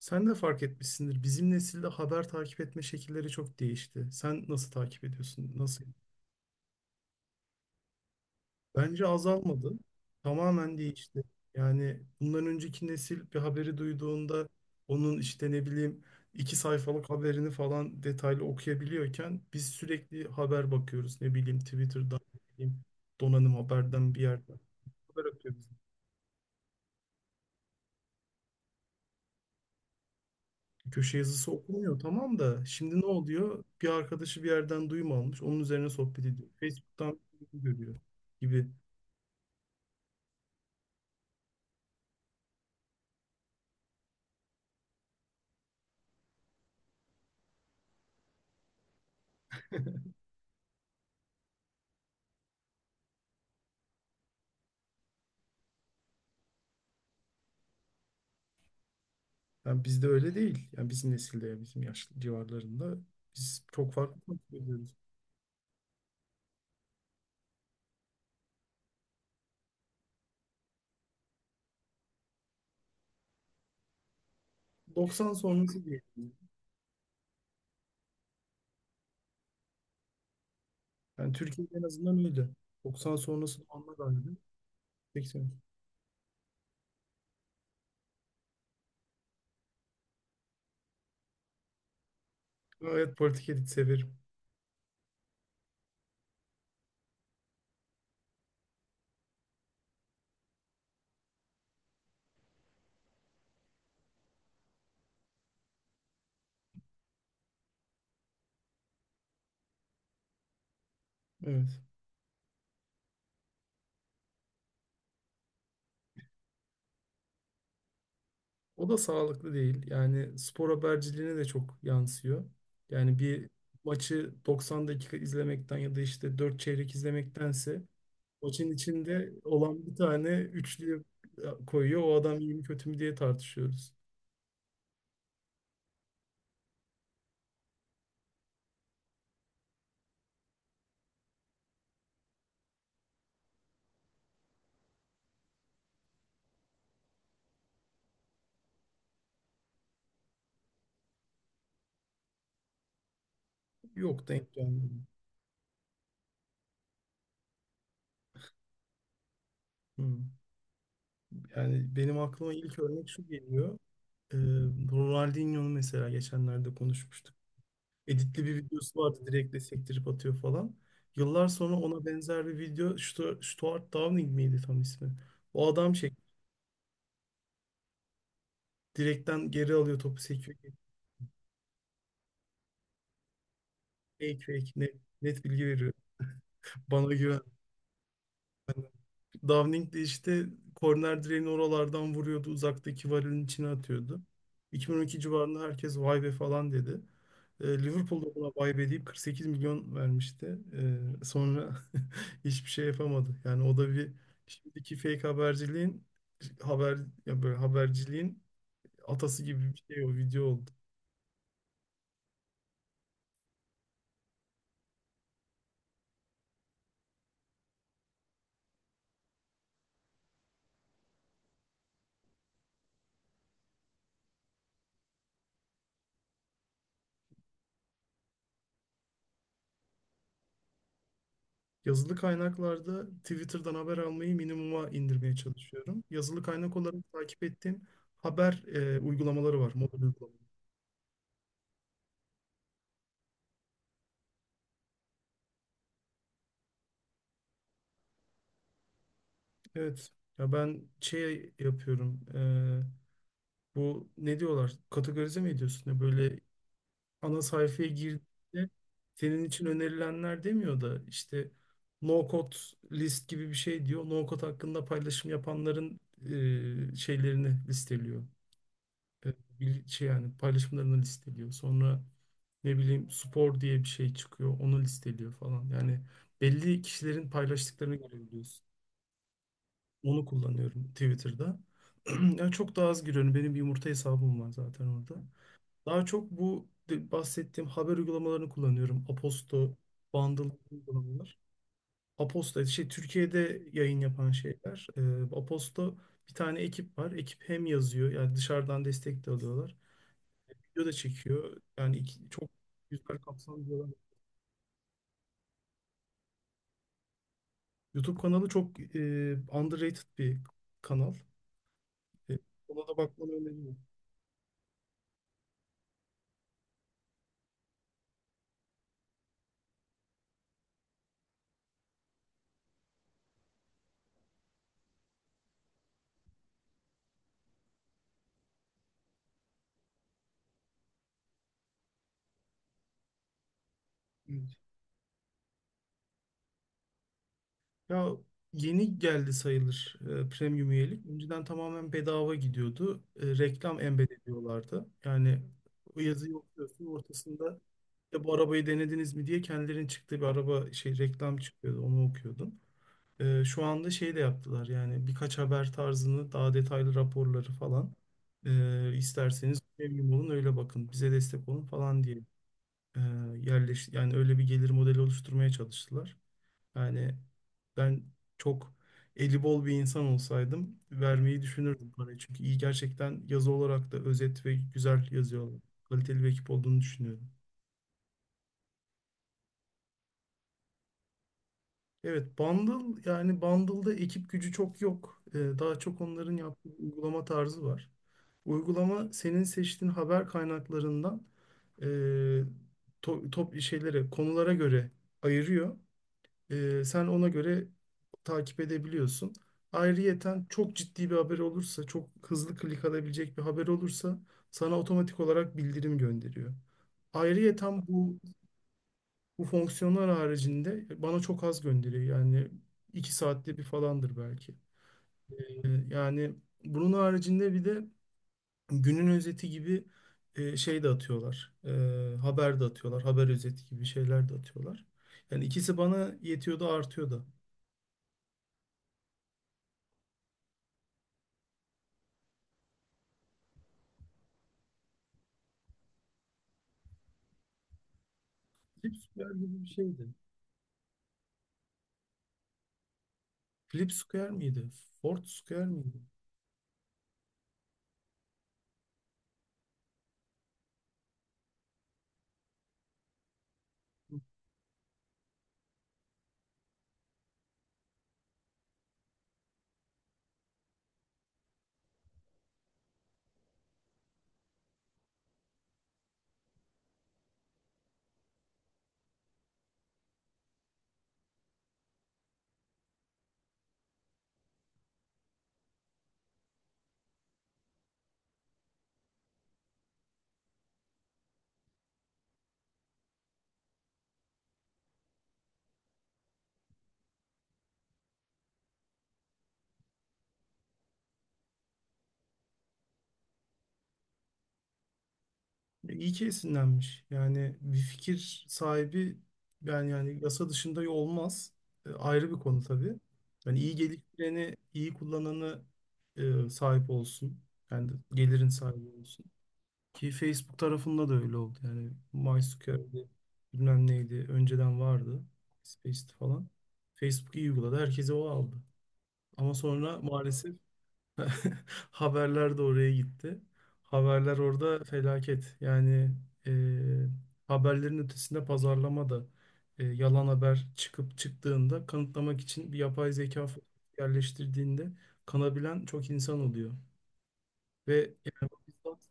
Sen de fark etmişsindir. Bizim nesilde haber takip etme şekilleri çok değişti. Sen nasıl takip ediyorsun? Nasıl? Bence azalmadı. Tamamen değişti. Yani bundan önceki nesil bir haberi duyduğunda onun işte ne bileyim 2 sayfalık haberini falan detaylı okuyabiliyorken biz sürekli haber bakıyoruz. Ne bileyim Twitter'dan, ne bileyim donanım haberden bir yerden haber okuyoruz. Köşe yazısı okumuyor tamam da şimdi ne oluyor? Bir arkadaşı bir yerden duyum almış. Onun üzerine sohbet ediyor. Facebook'tan görüyor gibi. Yani bizde öyle değil. Yani bizim nesilde ya bizim yaşlı civarlarında biz çok farklı takip ediyoruz. 90 sonrası diyelim. Yani Türkiye'de en azından öyle. 90 sonrası doğanlar ayrı. 80. Evet politik edit severim. Evet. O da sağlıklı değil. Yani spor haberciliğine de çok yansıyor. Yani bir maçı 90 dakika izlemekten ya da işte 4 çeyrek izlemektense maçın içinde olan bir tane üçlü koyuyor. O adam iyi mi kötü mü diye tartışıyoruz. Yok denk gelmedi. Hmm. Yani benim aklıma ilk örnek şu geliyor. Ee, Ronaldinho mesela geçenlerde konuşmuştuk. Editli bir videosu vardı direktle sektirip atıyor falan. Yıllar sonra ona benzer bir video Stuart Downing miydi tam ismi? O adam şey direkten geri alıyor topu sekiyor. Fake fake net, net bilgi veriyor. Bana güven. Downing de işte korner direğini oralardan vuruyordu. Uzaktaki varilin içine atıyordu. 2012 civarında herkes vay be falan dedi. Liverpool da buna vay be deyip 48 milyon vermişti. Sonra hiçbir şey yapamadı. Yani o da bir şimdiki fake haberciliğin haber ya böyle haberciliğin atası gibi bir şey o video oldu. Yazılı kaynaklarda Twitter'dan haber almayı minimuma indirmeye çalışıyorum. Yazılı kaynak olarak takip ettiğim haber uygulamaları var, mobil uygulamaları. Evet. Ya ben şey yapıyorum. Bu ne diyorlar? Kategorize mi ediyorsun? Ya böyle ana sayfaya girdiğinde senin için önerilenler demiyor da işte no code list gibi bir şey diyor. No code hakkında paylaşım yapanların şeylerini listeliyor. Eee, şey yani paylaşımlarını listeliyor. Sonra ne bileyim spor diye bir şey çıkıyor. Onu listeliyor falan. Yani belli kişilerin paylaştıklarını görebiliyorsun. Onu kullanıyorum Twitter'da. Yani çok daha az giriyorum. Benim bir yumurta hesabım var zaten orada. Daha çok bu bahsettiğim haber uygulamalarını kullanıyorum. Aposto, Bundle uygulamalar. Aposto şey Türkiye'de yayın yapan şeyler. Aposto bir tane ekip var. Ekip hem yazıyor yani dışarıdan destek de alıyorlar. Video da çekiyor. Yani çok güzel kapsamlı bir alan. YouTube kanalı çok underrated bir kanal. E, ona da bakmanı öneririm. Ya yeni geldi sayılır premium üyelik. Önceden tamamen bedava gidiyordu. Reklam embed ediyorlardı. Yani o yazıyı okuyorsun ortasında ya bu arabayı denediniz mi diye kendilerinin çıktığı bir araba şey reklam çıkıyordu. Onu okuyordum. Şu anda şey de yaptılar yani birkaç haber tarzını daha detaylı raporları falan isterseniz premium olun öyle bakın bize destek olun falan diye e, yerleş yani öyle bir gelir modeli oluşturmaya çalıştılar. Yani ben çok eli bol bir insan olsaydım vermeyi düşünürdüm parayı. Çünkü iyi gerçekten yazı olarak da özet ve güzel yazıyorlar. Kaliteli bir ekip olduğunu düşünüyorum. Evet, Bundle yani Bundle'da ekip gücü çok yok. Daha çok onların yaptığı uygulama tarzı var. Uygulama senin seçtiğin haber kaynaklarından e, top şeylere, konulara göre ayırıyor. Sen ona göre takip edebiliyorsun. Ayrıyeten çok ciddi bir haber olursa, çok hızlı klik alabilecek bir haber olursa sana otomatik olarak bildirim gönderiyor. Ayrıyeten bu fonksiyonlar haricinde bana çok az gönderiyor. Yani 2 saatte bir falandır belki. Yani bunun haricinde bir de günün özeti gibi şey de atıyorlar. Haber de atıyorlar. Haber özeti gibi şeyler de atıyorlar. Yani ikisi bana yetiyor da artıyor da. Flip Square gibi bir şeydi. Flip Square miydi? Ford Square miydi? İyi ki esinlenmiş. Yani bir fikir sahibi yani yasa dışında olmaz. Ayrı bir konu tabii. Yani iyi geliştireni, iyi kullananı sahip olsun. Yani gelirin sahibi olsun. Ki Facebook tarafında da öyle oldu. Yani MySQL'di, bilmem neydi, önceden vardı. Space'ti falan. Facebook iyi uyguladı, herkese o aldı. Ama sonra maalesef haberler de oraya gitti. Haberler orada felaket. Yani e, haberlerin ötesinde pazarlama da yalan haber çıkıp çıktığında kanıtlamak için bir yapay zeka yerleştirdiğinde kanabilen çok insan oluyor. Ve yani bu bizzat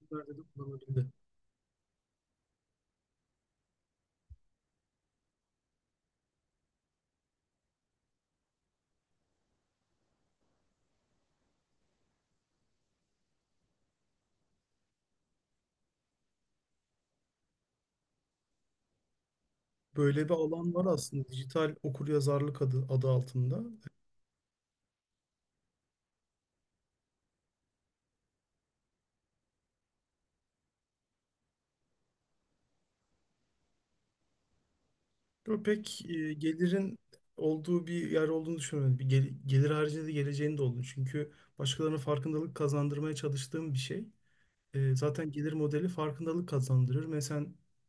filmlerde de kullanıldı. Böyle bir alan var aslında dijital okuryazarlık adı altında. Yo, Pek gelirin olduğu bir yer olduğunu düşünmüyorum. Bir gelir haricinde de geleceğini de olduğunu. Çünkü başkalarına farkındalık kazandırmaya çalıştığım bir şey. Zaten gelir modeli farkındalık kazandırır. Mesela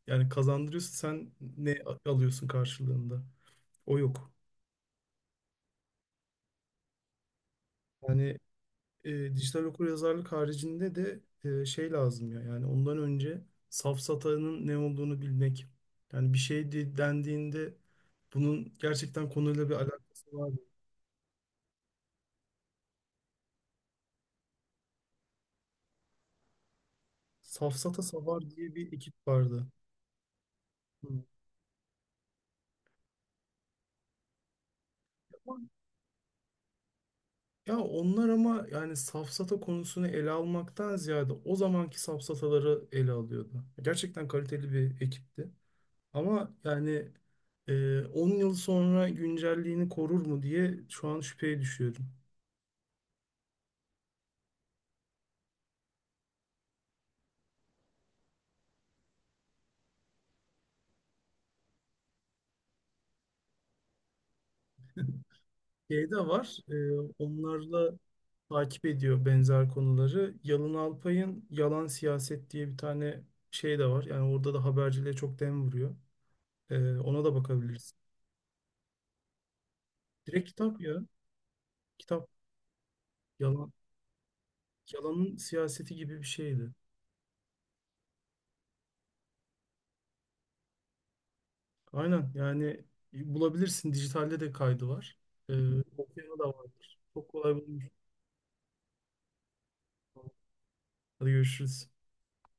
yani kazandırıyorsa sen ne alıyorsun karşılığında? O yok. Yani dijital okuryazarlık haricinde de şey lazım ya. Yani ondan önce safsatanın ne olduğunu bilmek. Yani bir şey dendiğinde bunun gerçekten konuyla bir alakası var. Safsata Savar diye bir ekip vardı. Hı. Ama- Ya onlar ama yani safsata konusunu ele almaktan ziyade o zamanki safsataları ele alıyordu. Gerçekten kaliteli bir ekipti. Ama yani 10 yıl sonra güncelliğini korur mu diye şu an şüpheye düşüyorum. Şey de var, onlarla takip ediyor benzer konuları. Yalın Alpay'ın Yalan Siyaset diye bir tane şey de var. Yani orada da haberciliğe çok dem vuruyor. Ona da bakabiliriz. Direkt kitap ya. Kitap. Yalan. Yalanın siyaseti gibi bir şeydi. Aynen yani bulabilirsin. Dijitalde de kaydı var. Ee, okuyana da vardır. Çok kolay bulmuş. Hadi görüşürüz.